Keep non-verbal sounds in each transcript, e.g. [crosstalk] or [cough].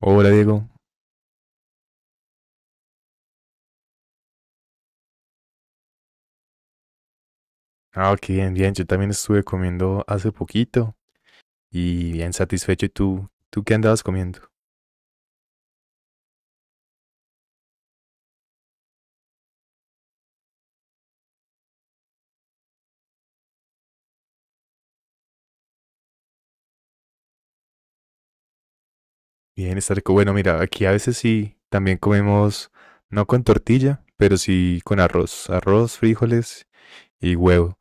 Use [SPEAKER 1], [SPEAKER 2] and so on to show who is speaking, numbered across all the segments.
[SPEAKER 1] Hola Diego. Ah, qué bien, bien. Yo también estuve comiendo hace poquito y bien satisfecho. ¿Y tú? ¿Tú qué andabas comiendo? Bien, está rico. Bueno, mira, aquí a veces sí, también comemos, no con tortilla, pero sí con arroz. Arroz, frijoles y huevo.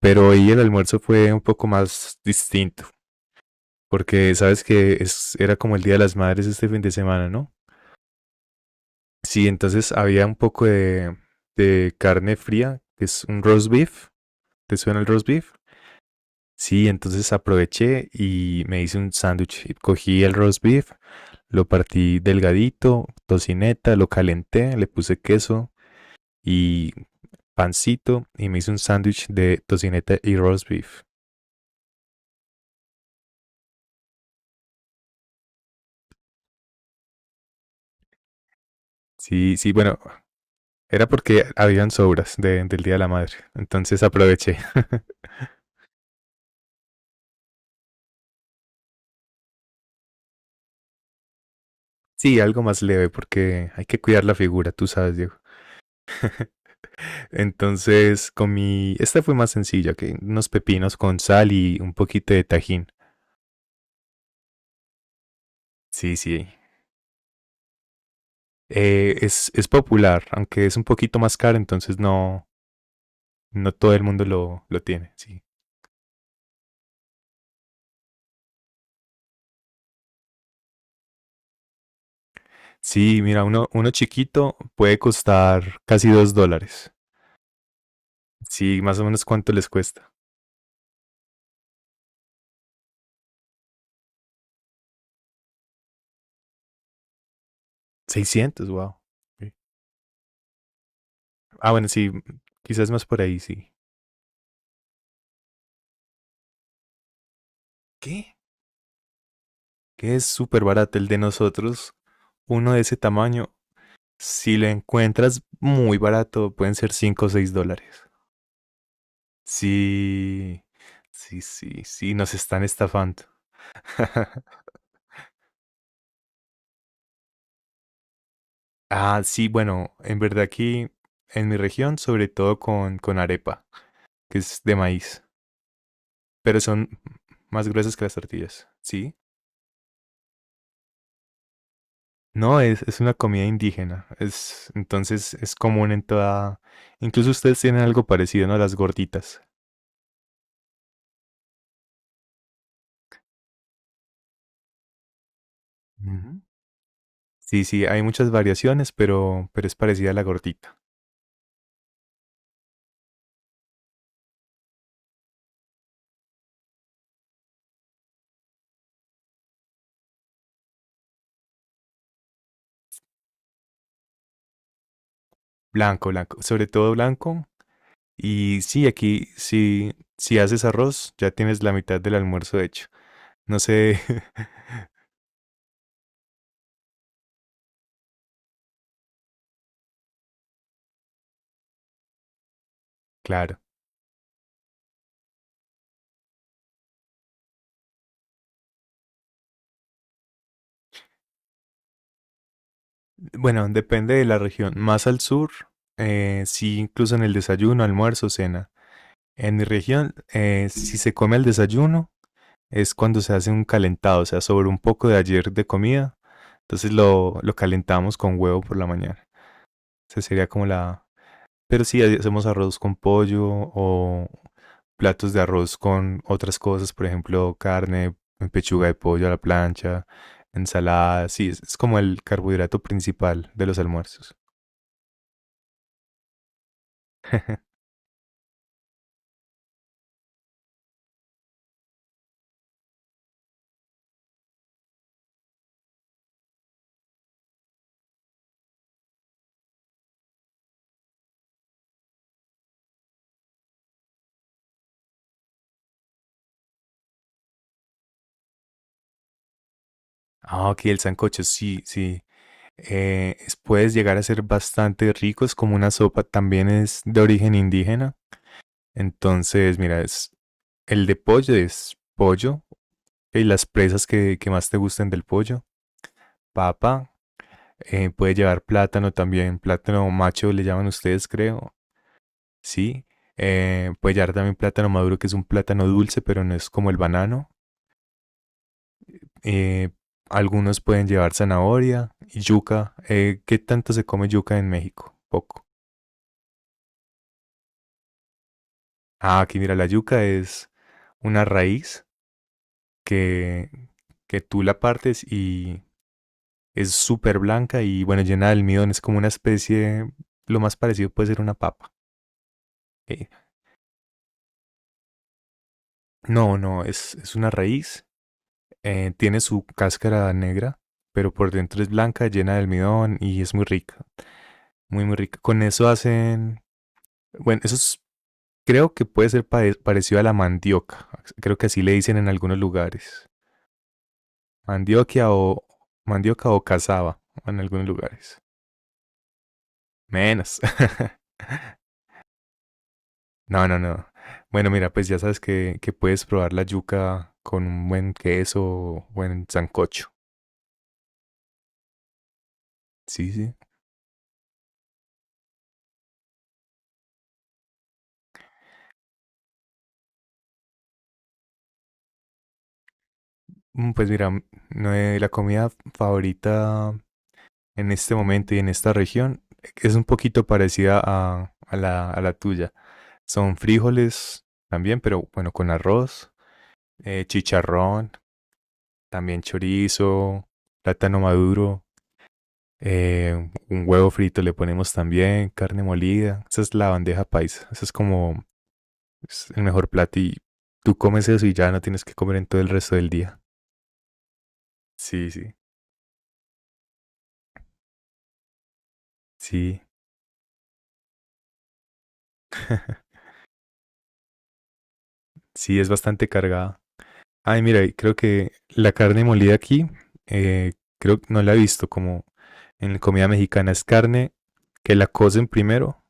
[SPEAKER 1] Pero hoy el almuerzo fue un poco más distinto, porque sabes que era como el Día de las Madres este fin de semana, ¿no? Sí, entonces había un poco de carne fría, que es un roast beef. ¿Te suena el roast beef? Sí, entonces aproveché y me hice un sándwich. Cogí el roast beef, lo partí delgadito, tocineta, lo calenté, le puse queso y pancito y me hice un sándwich de tocineta y roast beef. Sí, sí, bueno, era porque habían sobras del Día de la Madre, entonces aproveché. [laughs] Sí, algo más leve porque hay que cuidar la figura, tú sabes, Diego. [laughs] Entonces comí, esta fue más sencilla, que unos pepinos con sal y un poquito de Tajín. Sí, sí. Es popular, aunque es un poquito más caro, entonces no, no todo el mundo lo tiene. Sí. Sí, mira, uno chiquito puede costar casi $2. Sí, más o menos cuánto les cuesta. 600, wow. Sí. Ah, bueno, sí, quizás más por ahí, sí. ¿Qué? Que es súper barato el de nosotros. Uno de ese tamaño, si lo encuentras muy barato, pueden ser 5 o 6 dólares. Sí, sí, sí, sí, nos están estafando. [laughs] Ah, sí, bueno, en verdad aquí en mi región, sobre todo con arepa, que es de maíz, pero son más gruesas que las tortillas, ¿sí? No, es una comida indígena, entonces es común en toda. Incluso ustedes tienen algo parecido, ¿no? Las gorditas. Ujú. Sí, sí, hay muchas variaciones, pero es parecida a la gordita. Blanco, blanco, sobre todo blanco. Y sí, aquí, si haces arroz, ya tienes la mitad del almuerzo hecho. No sé. [laughs] Claro. Bueno, depende de la región. Más al sur, sí, incluso en el desayuno, almuerzo, cena. En mi región, si se come al desayuno, es cuando se hace un calentado, o sea, sobre un poco de ayer de comida. Entonces lo calentamos con huevo por la mañana. Esa sería como la. Pero sí, hacemos arroz con pollo o platos de arroz con otras cosas, por ejemplo, carne, pechuga de pollo a la plancha, ensalada. Sí, es como el carbohidrato principal de los almuerzos. [laughs] Ah, ok, el sancocho, sí, sí. Puedes llegar a ser bastante rico, es como una sopa, también es de origen indígena. Entonces, mira, el de pollo es pollo, y las presas que más te gusten del pollo, papa, puede llevar plátano también, plátano macho le llaman ustedes, creo, sí. Puede llevar también plátano maduro, que es un plátano dulce, pero no es como el banano. eh, algunos pueden llevar zanahoria y yuca. ¿Qué tanto se come yuca en México? Poco. Ah, aquí mira, la yuca es una raíz que, que tú la partes y es súper blanca y bueno, llena de almidón. Es como una especie, lo más parecido puede ser una papa. Eh, no, no, es una raíz. Tiene su cáscara negra, pero por dentro es blanca, llena de almidón y es muy rica. Muy, muy rica. Con eso hacen, bueno, eso es. Creo que puede ser parecido a la mandioca. Creo que así le dicen en algunos lugares. Mandioca o mandioca o cazaba en algunos lugares. Menos. [laughs] No, no, no. Bueno, mira, pues ya sabes que puedes probar la yuca con un buen queso o buen sancocho. Sí, sí. Pues mira, no, la comida favorita en este momento y en esta región es un poquito parecida a la tuya. Son frijoles también, pero bueno, con arroz, chicharrón, también chorizo, plátano maduro, un huevo frito le ponemos también, carne molida. Esa es la bandeja paisa. Esa es como es el mejor plato y tú comes eso y ya no tienes que comer en todo el resto del día. Sí, sí, sí. [laughs] Sí, es bastante cargada. Ay, mira, y creo que la carne molida aquí, eh, creo que no la he visto como en la comida mexicana. Es carne que la cocen primero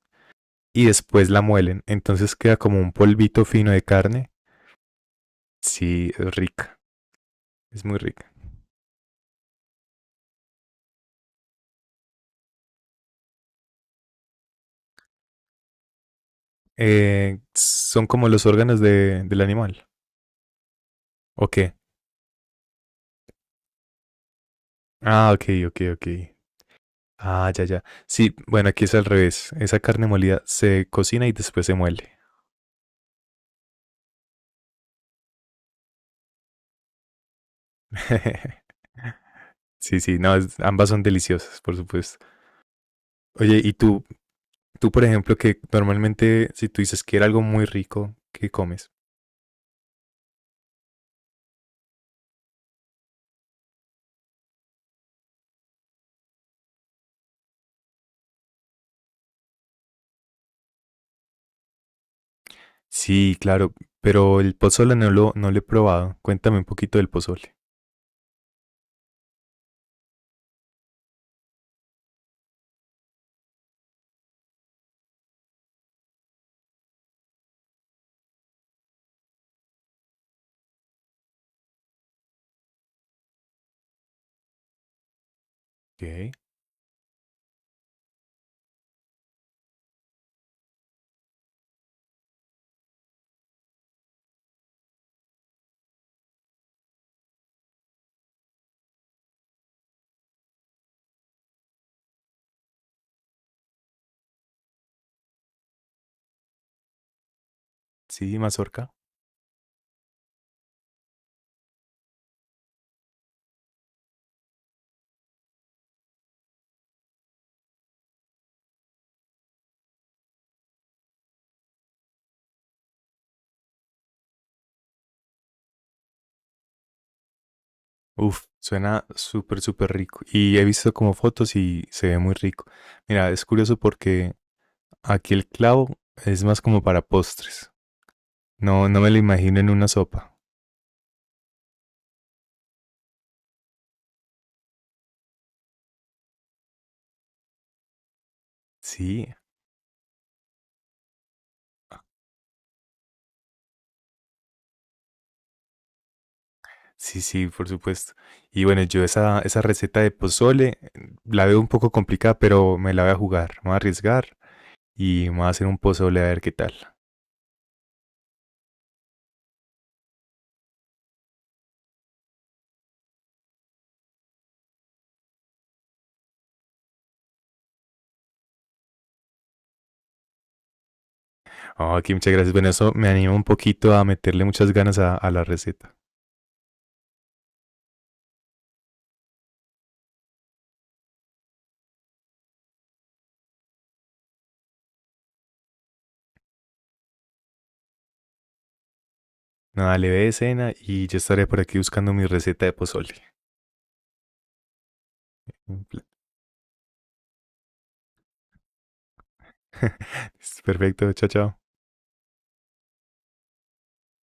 [SPEAKER 1] y después la muelen. Entonces queda como un polvito fino de carne. Sí, es rica, es muy rica. Son como los órganos del animal. ¿O qué? Ah, ok, ok, ok. Ah, ya, ya. Sí, bueno, aquí es al revés. Esa carne molida se cocina y después se muele. [laughs] Sí, sí, no, ambas son deliciosas, por supuesto. Oye, y tú, por ejemplo, que normalmente si tú dices que era algo muy rico, ¿qué comes? Sí, claro, pero el pozole no lo he probado. Cuéntame un poquito del pozole. Ok, sí, mazorca. Uf, suena súper, súper rico. Y he visto como fotos y se ve muy rico. Mira, es curioso porque aquí el clavo es más como para postres. No, no me lo imagino en una sopa. Sí, sí, sí, por supuesto. Y bueno, yo esa receta de pozole la veo un poco complicada, pero me la voy a jugar. Me voy a arriesgar y me voy a hacer un pozole a ver qué tal. Oh, aquí muchas gracias. Bueno, eso me anima un poquito a meterle muchas ganas a la receta. Nada, le ve de cena y yo estaré por aquí buscando mi receta de pozole. [laughs] Perfecto, chao, chao.